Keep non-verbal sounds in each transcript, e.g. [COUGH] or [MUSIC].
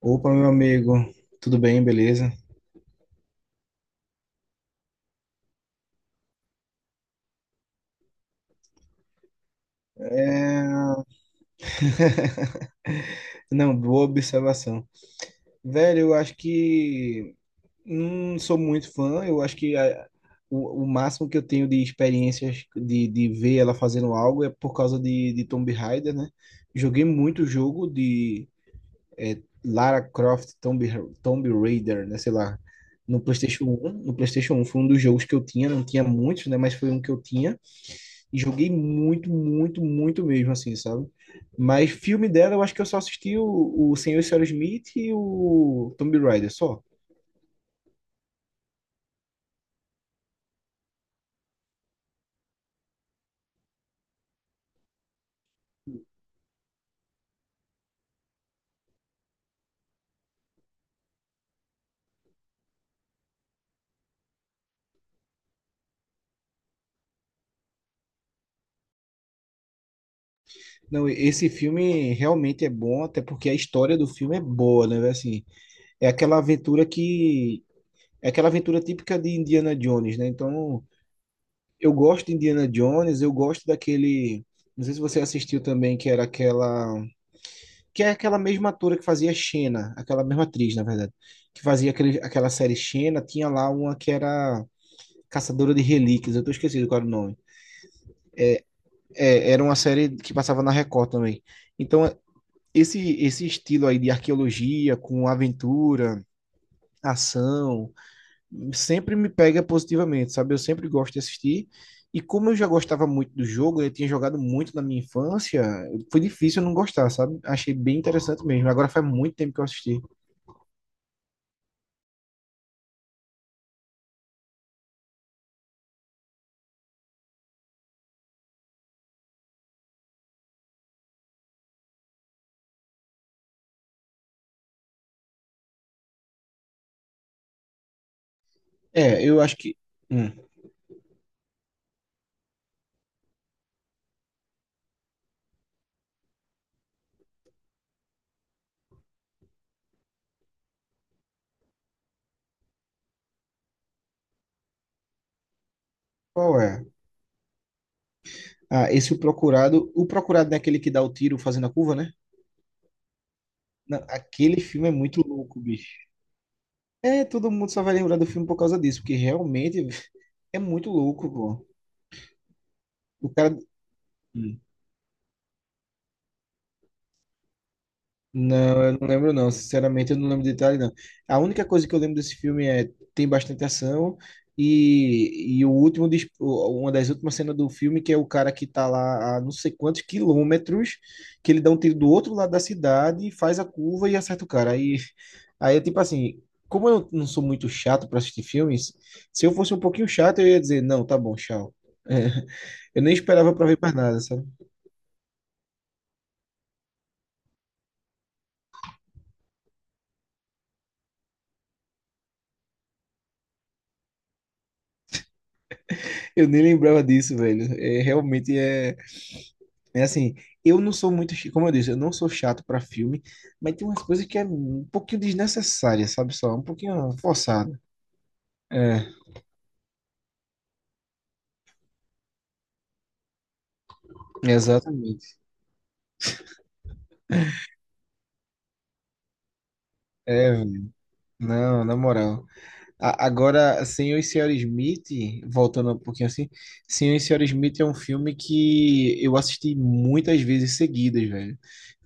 Opa, meu amigo, tudo bem, beleza? É, [LAUGHS] Não, boa observação. Velho, eu acho que não sou muito fã, eu acho que o máximo que eu tenho de experiências de ver ela fazendo algo é por causa de Tomb Raider, né? Joguei muito jogo de Lara Croft Tomb Raider, né? Sei lá, No PlayStation 1 foi um dos jogos que eu tinha, não tinha muitos, né? Mas foi um que eu tinha. E joguei muito, muito, muito mesmo, assim, sabe? Mas filme dela, eu acho que eu só assisti o Senhor e Senhora Smith e o Tomb Raider, só. Não, esse filme realmente é bom, até porque a história do filme é boa, né, velho? Assim, é aquela aventura que... É aquela aventura típica de Indiana Jones, né? Então, eu gosto de Indiana Jones, eu gosto daquele. Não sei se você assistiu também, que é aquela mesma atora que fazia Xena, aquela mesma atriz, na verdade, que fazia aquela série Xena, tinha lá uma que era Caçadora de Relíquias, eu tô esquecido qual era o nome. É, era uma série que passava na Record também. Então, esse estilo aí de arqueologia, com aventura, ação, sempre me pega positivamente, sabe? Eu sempre gosto de assistir. E como eu já gostava muito do jogo, eu tinha jogado muito na minha infância, foi difícil eu não gostar, sabe? Achei bem interessante mesmo. Agora faz muito tempo que eu assisti. É, eu acho que. hum, Qual é? Ah, esse O Procurado. O Procurado é aquele que dá o tiro fazendo a curva, né? Não, aquele filme é muito louco, bicho. É, todo mundo só vai lembrar do filme por causa disso, porque realmente [LAUGHS] é muito louco, pô. O cara. Não, eu não lembro não. Sinceramente, eu não lembro de detalhe não. A única coisa que eu lembro desse filme é tem bastante ação e o último dis- o- uma das últimas cenas do filme que é o cara que tá lá a não sei quantos quilômetros que ele dá um tiro do outro lado da cidade, e faz a curva e acerta o cara. Aí é tipo assim, como eu não sou muito chato para assistir filmes, se eu fosse um pouquinho chato eu ia dizer, não, tá bom, tchau. [LAUGHS] Eu nem esperava para ver mais nada, sabe? Eu nem lembrava disso, velho. É, realmente é. É assim, eu não sou muito, como eu disse, eu não sou chato pra filme, mas tem umas coisas que é um pouquinho desnecessária, sabe? Só? Um pouquinho forçada. É, exatamente. É, não, na moral. Agora, Senhor e Senhora Smith, voltando um pouquinho assim, Senhor e Senhora Smith é um filme que eu assisti muitas vezes seguidas, velho.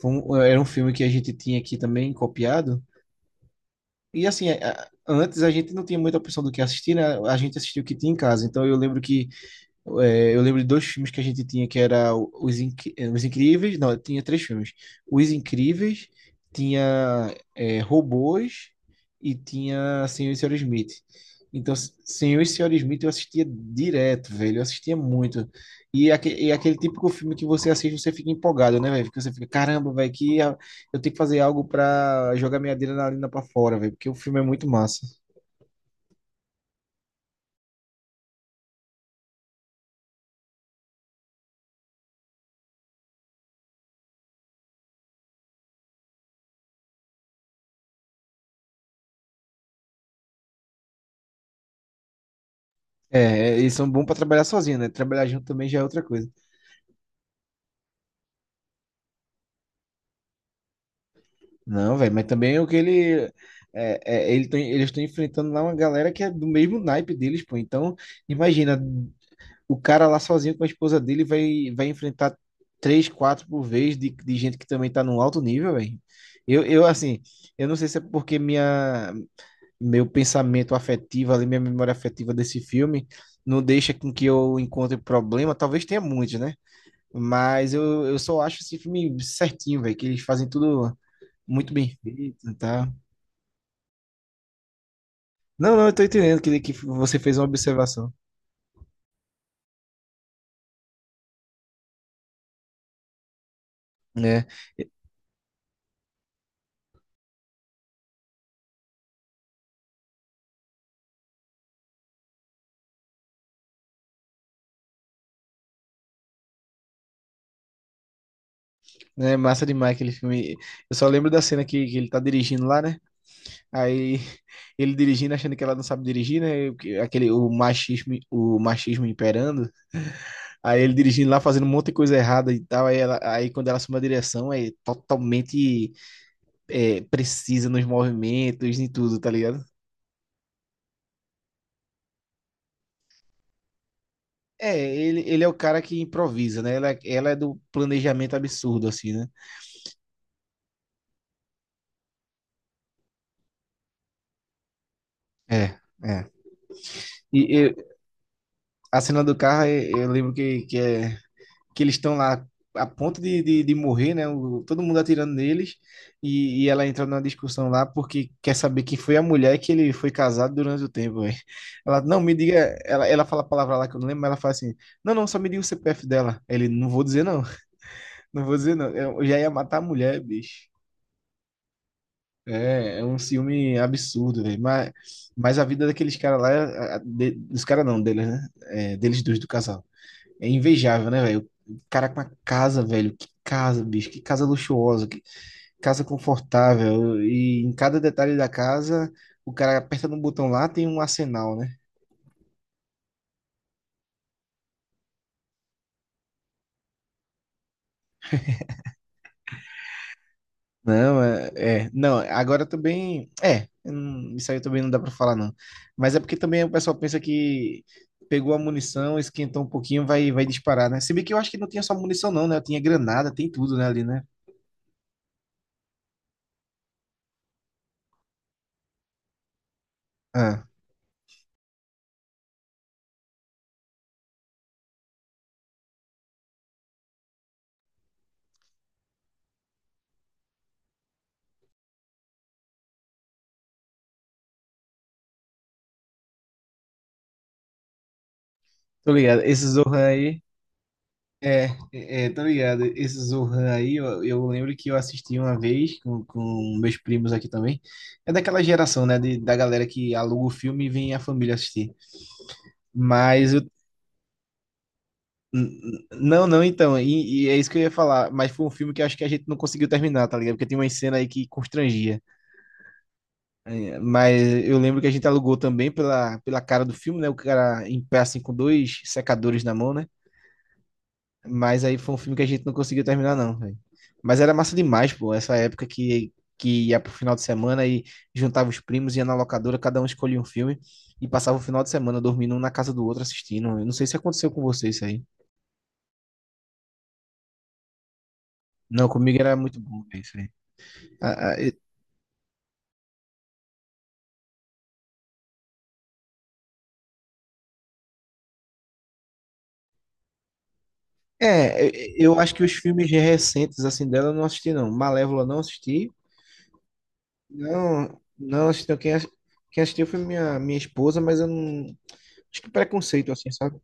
Era um filme que a gente tinha aqui também copiado. E assim, antes a gente não tinha muita opção do que assistir, né? A gente assistiu o que tinha em casa. Então eu lembro que. É, eu lembro de dois filmes que a gente tinha, que era Os Incríveis. Não, tinha três filmes. Os Incríveis, tinha Robôs e tinha Senhor e Senhora Smith. Então, Senhor e Senhora Smith eu assistia direto, velho. Eu assistia muito. E aquele típico filme que você assiste, você fica empolgado, né, velho? Porque você fica, caramba, velho, que eu tenho que fazer algo pra jogar minha adrenalina pra fora, velho. Porque o filme é muito massa. É, é, eles são bons pra trabalhar sozinho, né? Trabalhar junto também já é outra coisa. Não, velho, mas também é o que ele. É, é, eles estão enfrentando lá uma galera que é do mesmo naipe deles, pô. Então, imagina, o cara lá sozinho com a esposa dele vai, enfrentar três, quatro por vez de gente que também tá num alto nível, velho. Eu, assim, eu não sei se é porque minha, meu pensamento afetivo ali, minha memória afetiva desse filme não deixa com que eu encontre problema. Talvez tenha muitos, né? Mas eu só acho esse filme certinho, velho, que eles fazem tudo muito bem feito, tá? Não, não, eu tô entendendo que você fez uma observação, né? É é, massa demais aquele filme. Eu só lembro da cena que ele tá dirigindo lá, né? Aí [LAUGHS] ele dirigindo, achando que ela não sabe dirigir, né? E aquele, o machismo imperando. Aí ele dirigindo lá, fazendo um monte de coisa errada e tal. Aí, quando ela assume a direção, é totalmente precisa nos movimentos e tudo, tá ligado? É, ele é o cara que improvisa, né? Ela é do planejamento absurdo, assim, né? É, é. E, e a cena do carro, eu lembro que eles estão lá a ponto de morrer, né? Todo mundo atirando neles. E ela entra numa discussão lá porque quer saber quem foi a mulher que ele foi casado durante o tempo. Véi. Ela, não, me diga. Ela fala a palavra lá que eu não lembro, mas ela fala assim: não, não, só me diga o CPF dela. Ele, não vou dizer não, [LAUGHS] não vou dizer não. Eu já ia matar a mulher, bicho. É, um ciúme absurdo, velho. Mas, a vida daqueles caras lá, dos caras não, deles, né? É, deles dois do casal. É invejável, né, velho? O cara com uma casa, velho. Que casa, bicho. Que casa luxuosa. Que casa confortável. E em cada detalhe da casa, o cara aperta no botão lá, tem um arsenal, né? Não, é, é. Não, agora também. É, isso aí também não dá pra falar, não. Mas é porque também o pessoal pensa que pegou a munição, esquentou um pouquinho, vai, disparar, né? Se bem que eu acho que não tinha só munição, não, né? Eu tinha granada, tem tudo, né, ali, né? Ah, tô ligado. Esse Zohan aí. É, é, tá ligado. Esse Zohan aí, eu lembro que eu assisti uma vez com meus primos aqui também. É daquela geração, né? da galera que aluga o filme e vem a família assistir. Mas N- não, não, então, e é isso que eu ia falar, mas foi um filme que eu acho que a gente não conseguiu terminar, tá ligado? Porque tem uma cena aí que constrangia. É, mas eu lembro que a gente alugou também pela cara do filme, né? O cara em pé assim com dois secadores na mão, né? Mas aí foi um filme que a gente não conseguiu terminar, não, velho. Mas era massa demais, pô, essa época que ia pro final de semana e juntava os primos, ia na locadora, cada um escolhia um filme e passava o final de semana dormindo um na casa do outro assistindo. Eu não sei se aconteceu com você isso aí. Não, comigo era muito bom, velho, isso aí. É, eu acho que os filmes recentes assim dela eu não assisti não. Malévola não assisti. Não, não assisti. Não. Quem assistiu foi minha esposa, mas eu não. Acho que preconceito assim, sabe?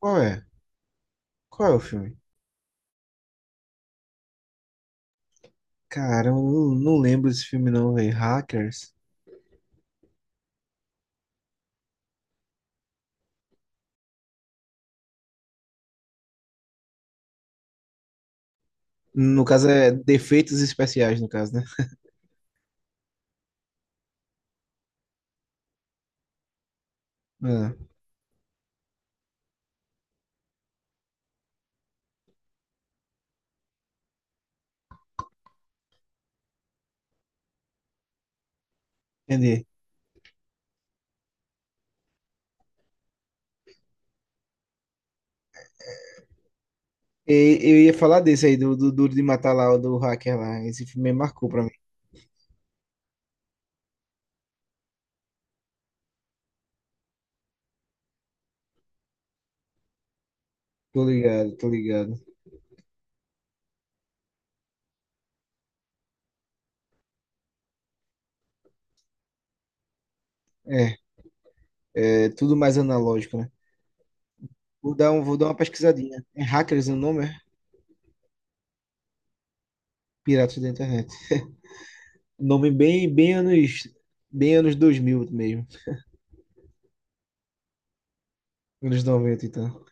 Qual é? Qual é o filme? Cara, eu não lembro desse filme não, velho. Hackers. No caso é Defeitos Especiais, no caso, né? Ah, entendi. E, eu ia falar desse aí, do Duro de Matar lá, o do hacker lá. Esse filme marcou pra mim. Tô ligado, tô ligado. É, é tudo mais analógico, né? Vou dar uma pesquisadinha. É Hackers o nome? É? Piratas da Internet. Nome bem, bem anos. Bem anos 2000 mesmo. Anos 90, então.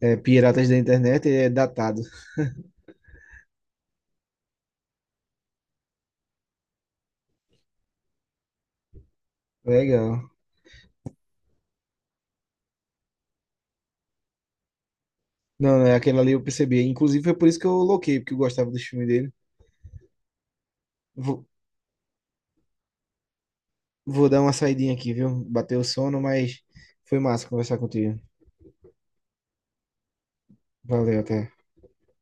É, Piratas da Internet é datado. Legal. Não, não, é aquela ali eu percebi. Inclusive foi por isso que eu loquei, porque eu gostava do filme dele. Vou, vou dar uma saidinha aqui, viu? Bateu o sono, mas foi massa conversar contigo. Valeu, até.